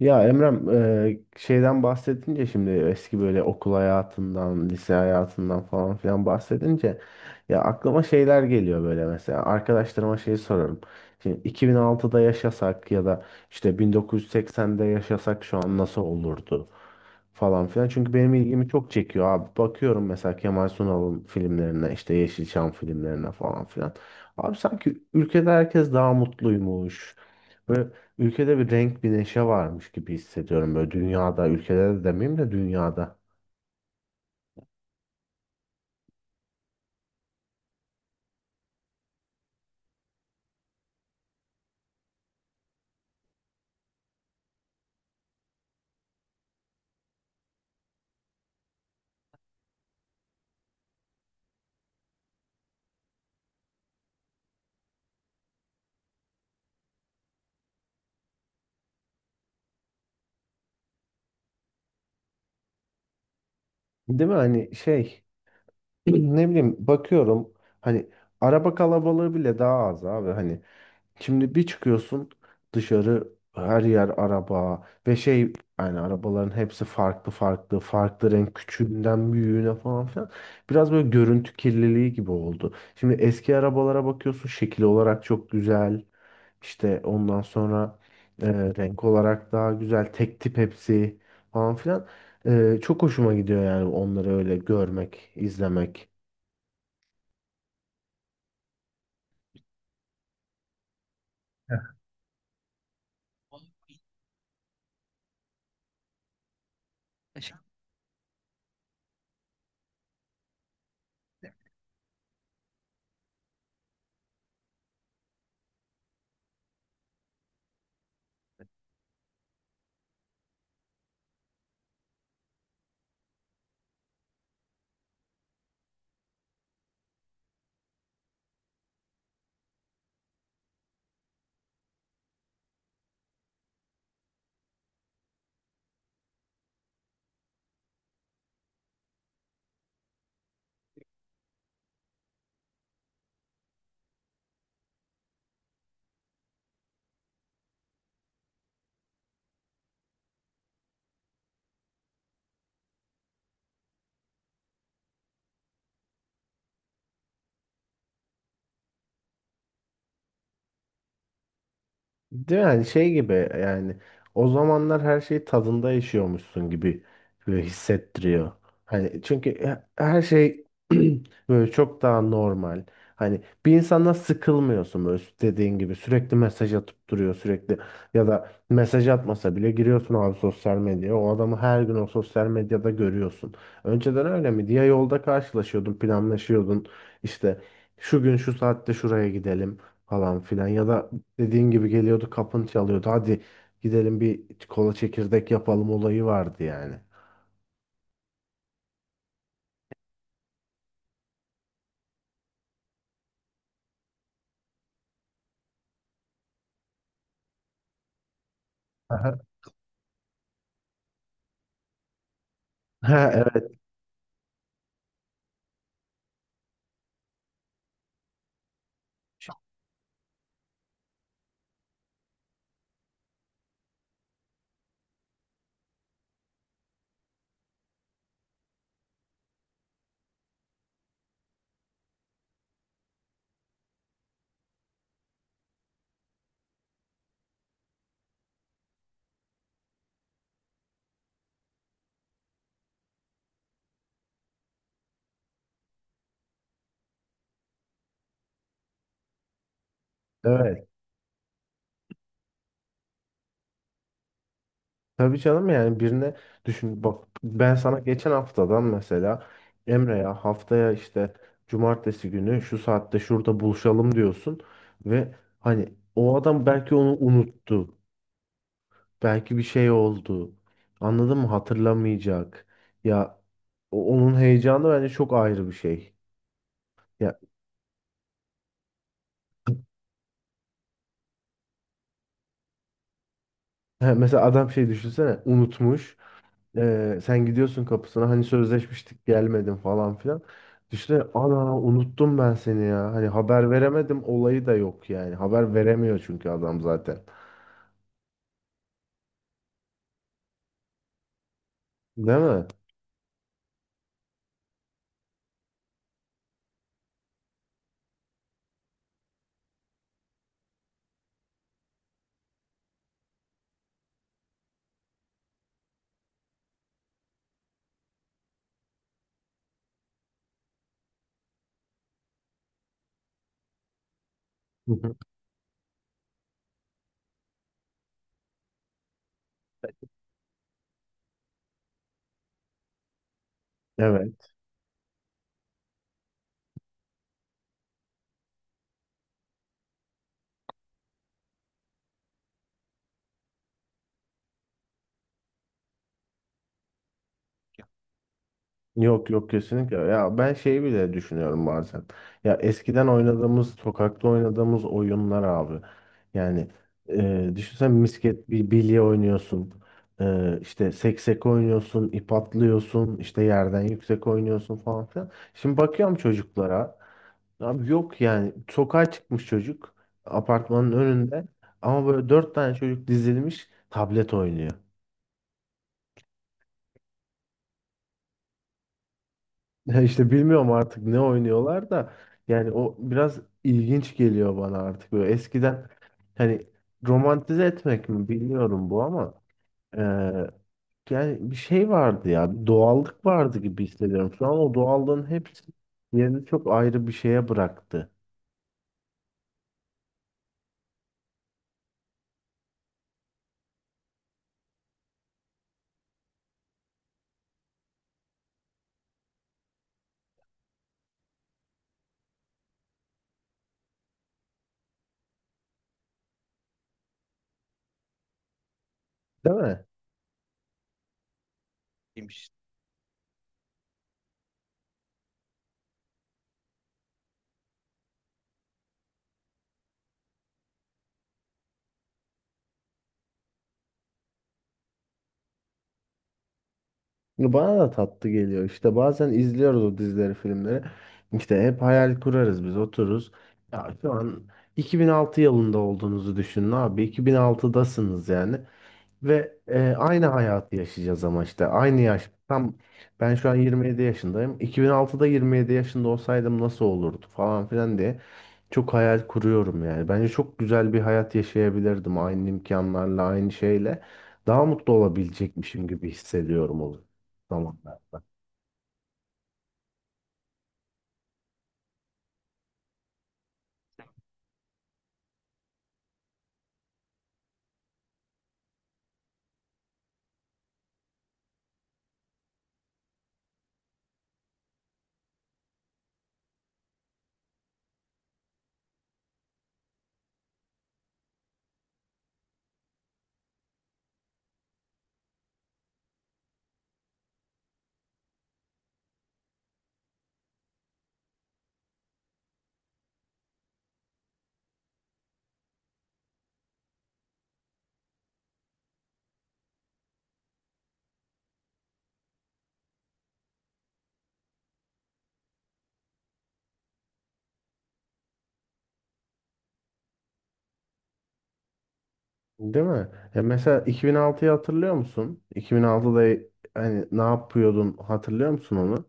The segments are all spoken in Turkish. Ya Emrem, şeyden bahsedince, şimdi eski böyle okul hayatından, lise hayatından falan filan bahsedince ya aklıma şeyler geliyor. Böyle mesela arkadaşlarıma şeyi sorarım. Şimdi 2006'da yaşasak ya da işte 1980'de yaşasak şu an nasıl olurdu falan filan. Çünkü benim ilgimi çok çekiyor abi. Bakıyorum mesela Kemal Sunal'ın filmlerine, işte Yeşilçam filmlerine falan filan. Abi, sanki ülkede herkes daha mutluymuş. Böyle ülkede bir renk, bir neşe varmış gibi hissediyorum, böyle dünyada, ülkede de demeyeyim de dünyada. Değil mi? Hani şey, ne bileyim, bakıyorum, hani araba kalabalığı bile daha az abi. Hani şimdi bir çıkıyorsun dışarı, her yer araba ve şey, yani arabaların hepsi farklı, farklı farklı renk, küçüğünden büyüğüne falan filan, biraz böyle görüntü kirliliği gibi oldu. Şimdi eski arabalara bakıyorsun, şekil olarak çok güzel, işte ondan sonra e, renk olarak daha güzel, tek tip hepsi falan filan. Çok hoşuma gidiyor yani onları öyle görmek, izlemek. Değil mi? Yani şey gibi yani, o zamanlar her şey tadında yaşıyormuşsun gibi böyle hissettiriyor. Hani çünkü her şey böyle çok daha normal. Hani bir insanla sıkılmıyorsun. Böyle dediğin gibi sürekli mesaj atıp duruyor, sürekli, ya da mesaj atmasa bile giriyorsun abi sosyal medyaya, o adamı her gün o sosyal medyada görüyorsun. Önceden öyle mi diye, yolda karşılaşıyordun, planlaşıyordun, işte şu gün şu saatte şuraya gidelim falan filan, ya da dediğin gibi geliyordu, kapını çalıyordu. Hadi gidelim, bir kola, çekirdek yapalım olayı vardı yani. Aha. Ha, evet, evet. Tabii canım, yani birine, düşün bak, ben sana geçen haftadan mesela, Emre'ya haftaya işte cumartesi günü şu saatte şurada buluşalım diyorsun ve hani o adam belki onu unuttu. Belki bir şey oldu. Anladın mı? Hatırlamayacak. Ya, onun heyecanı bence çok ayrı bir şey. Ya, he, mesela adam şey, düşünsene, unutmuş. Sen gidiyorsun kapısına, hani sözleşmiştik, gelmedin falan filan. Düşünsene, ana unuttum ben seni ya. Hani haber veremedim olayı da yok yani. Haber veremiyor çünkü adam zaten. Değil mi? Hı hı. Evet. Yok, yok, kesinlikle. Ya ben şeyi bile düşünüyorum bazen. Ya eskiden oynadığımız, sokakta oynadığımız oyunlar abi. Yani Düşünsen misket, bir bilye oynuyorsun. E, işte seksek oynuyorsun, ip atlıyorsun, işte yerden yüksek oynuyorsun falan filan. Şimdi bakıyorum çocuklara. Abi, yok yani, sokağa çıkmış çocuk apartmanın önünde, ama böyle dört tane çocuk dizilmiş tablet oynuyor. Ya işte bilmiyorum artık ne oynuyorlar da, yani o biraz ilginç geliyor bana artık. Böyle eskiden, hani, romantize etmek mi bilmiyorum bu ama, eee, yani bir şey vardı ya, bir doğallık vardı gibi hissediyorum. Şu an o doğallığın hepsi yerini çok ayrı bir şeye bıraktı. Değil mi? Bana da tatlı geliyor. İşte bazen izliyoruz o dizileri, filmleri. İşte hep hayal kurarız biz, otururuz. Ya şu an 2006 yılında olduğunuzu düşünün abi. 2006'dasınız yani. Ve aynı hayatı yaşayacağız ama işte aynı yaş. Tam ben şu an 27 yaşındayım. 2006'da 27 yaşında olsaydım nasıl olurdu falan filan diye çok hayal kuruyorum yani. Bence çok güzel bir hayat yaşayabilirdim aynı imkanlarla, aynı şeyle. Daha mutlu olabilecekmişim gibi hissediyorum o zamanlar. Değil mi? Ya mesela 2006'yı hatırlıyor musun? 2006'da hani ne yapıyordun, hatırlıyor musun onu?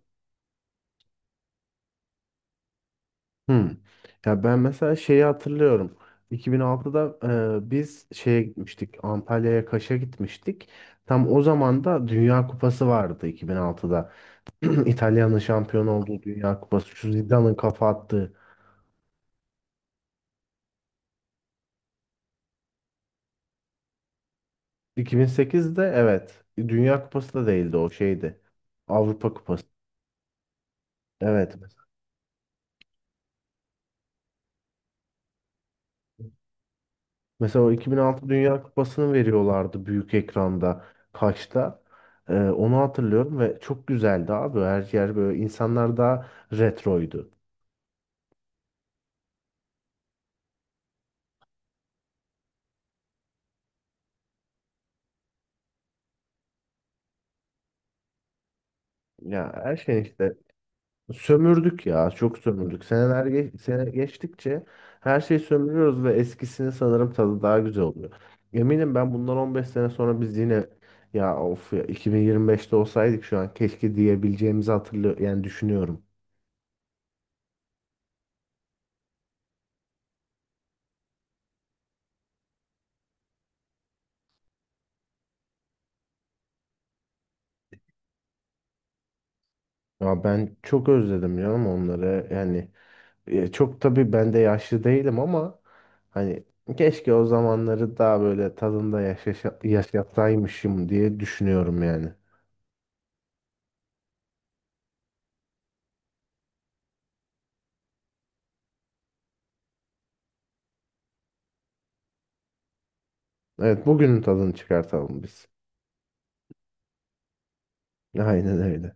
Hmm. Ya ben mesela şeyi hatırlıyorum. 2006'da biz şeye gitmiştik. Antalya'ya, Kaş'a gitmiştik. Tam o zaman da Dünya Kupası vardı, 2006'da. İtalya'nın şampiyon olduğu Dünya Kupası. Şu Zidane'ın kafa attığı. 2008'de, evet. Dünya Kupası da değildi, o şeydi, Avrupa Kupası. Evet. Mesela o 2006 Dünya Kupası'nı veriyorlardı büyük ekranda. Kaçta? Onu hatırlıyorum ve çok güzeldi abi. Her yer böyle, insanlar daha retroydu. Ya her şey işte, sömürdük ya, çok sömürdük. Seneler sene geçtikçe her şeyi sömürüyoruz ve eskisini sanırım tadı daha güzel oluyor. Eminim, ben bundan 15 sene sonra biz yine, ya of ya 2025'te olsaydık şu an keşke diyebileceğimizi hatırlıyorum yani, düşünüyorum. Ya ben çok özledim ya ama onları yani, çok tabii ben de yaşlı değilim ama hani keşke o zamanları daha böyle tadında yaşa, yaşatsaymışım diye düşünüyorum yani. Evet, bugünün tadını çıkartalım biz. Aynen öyle.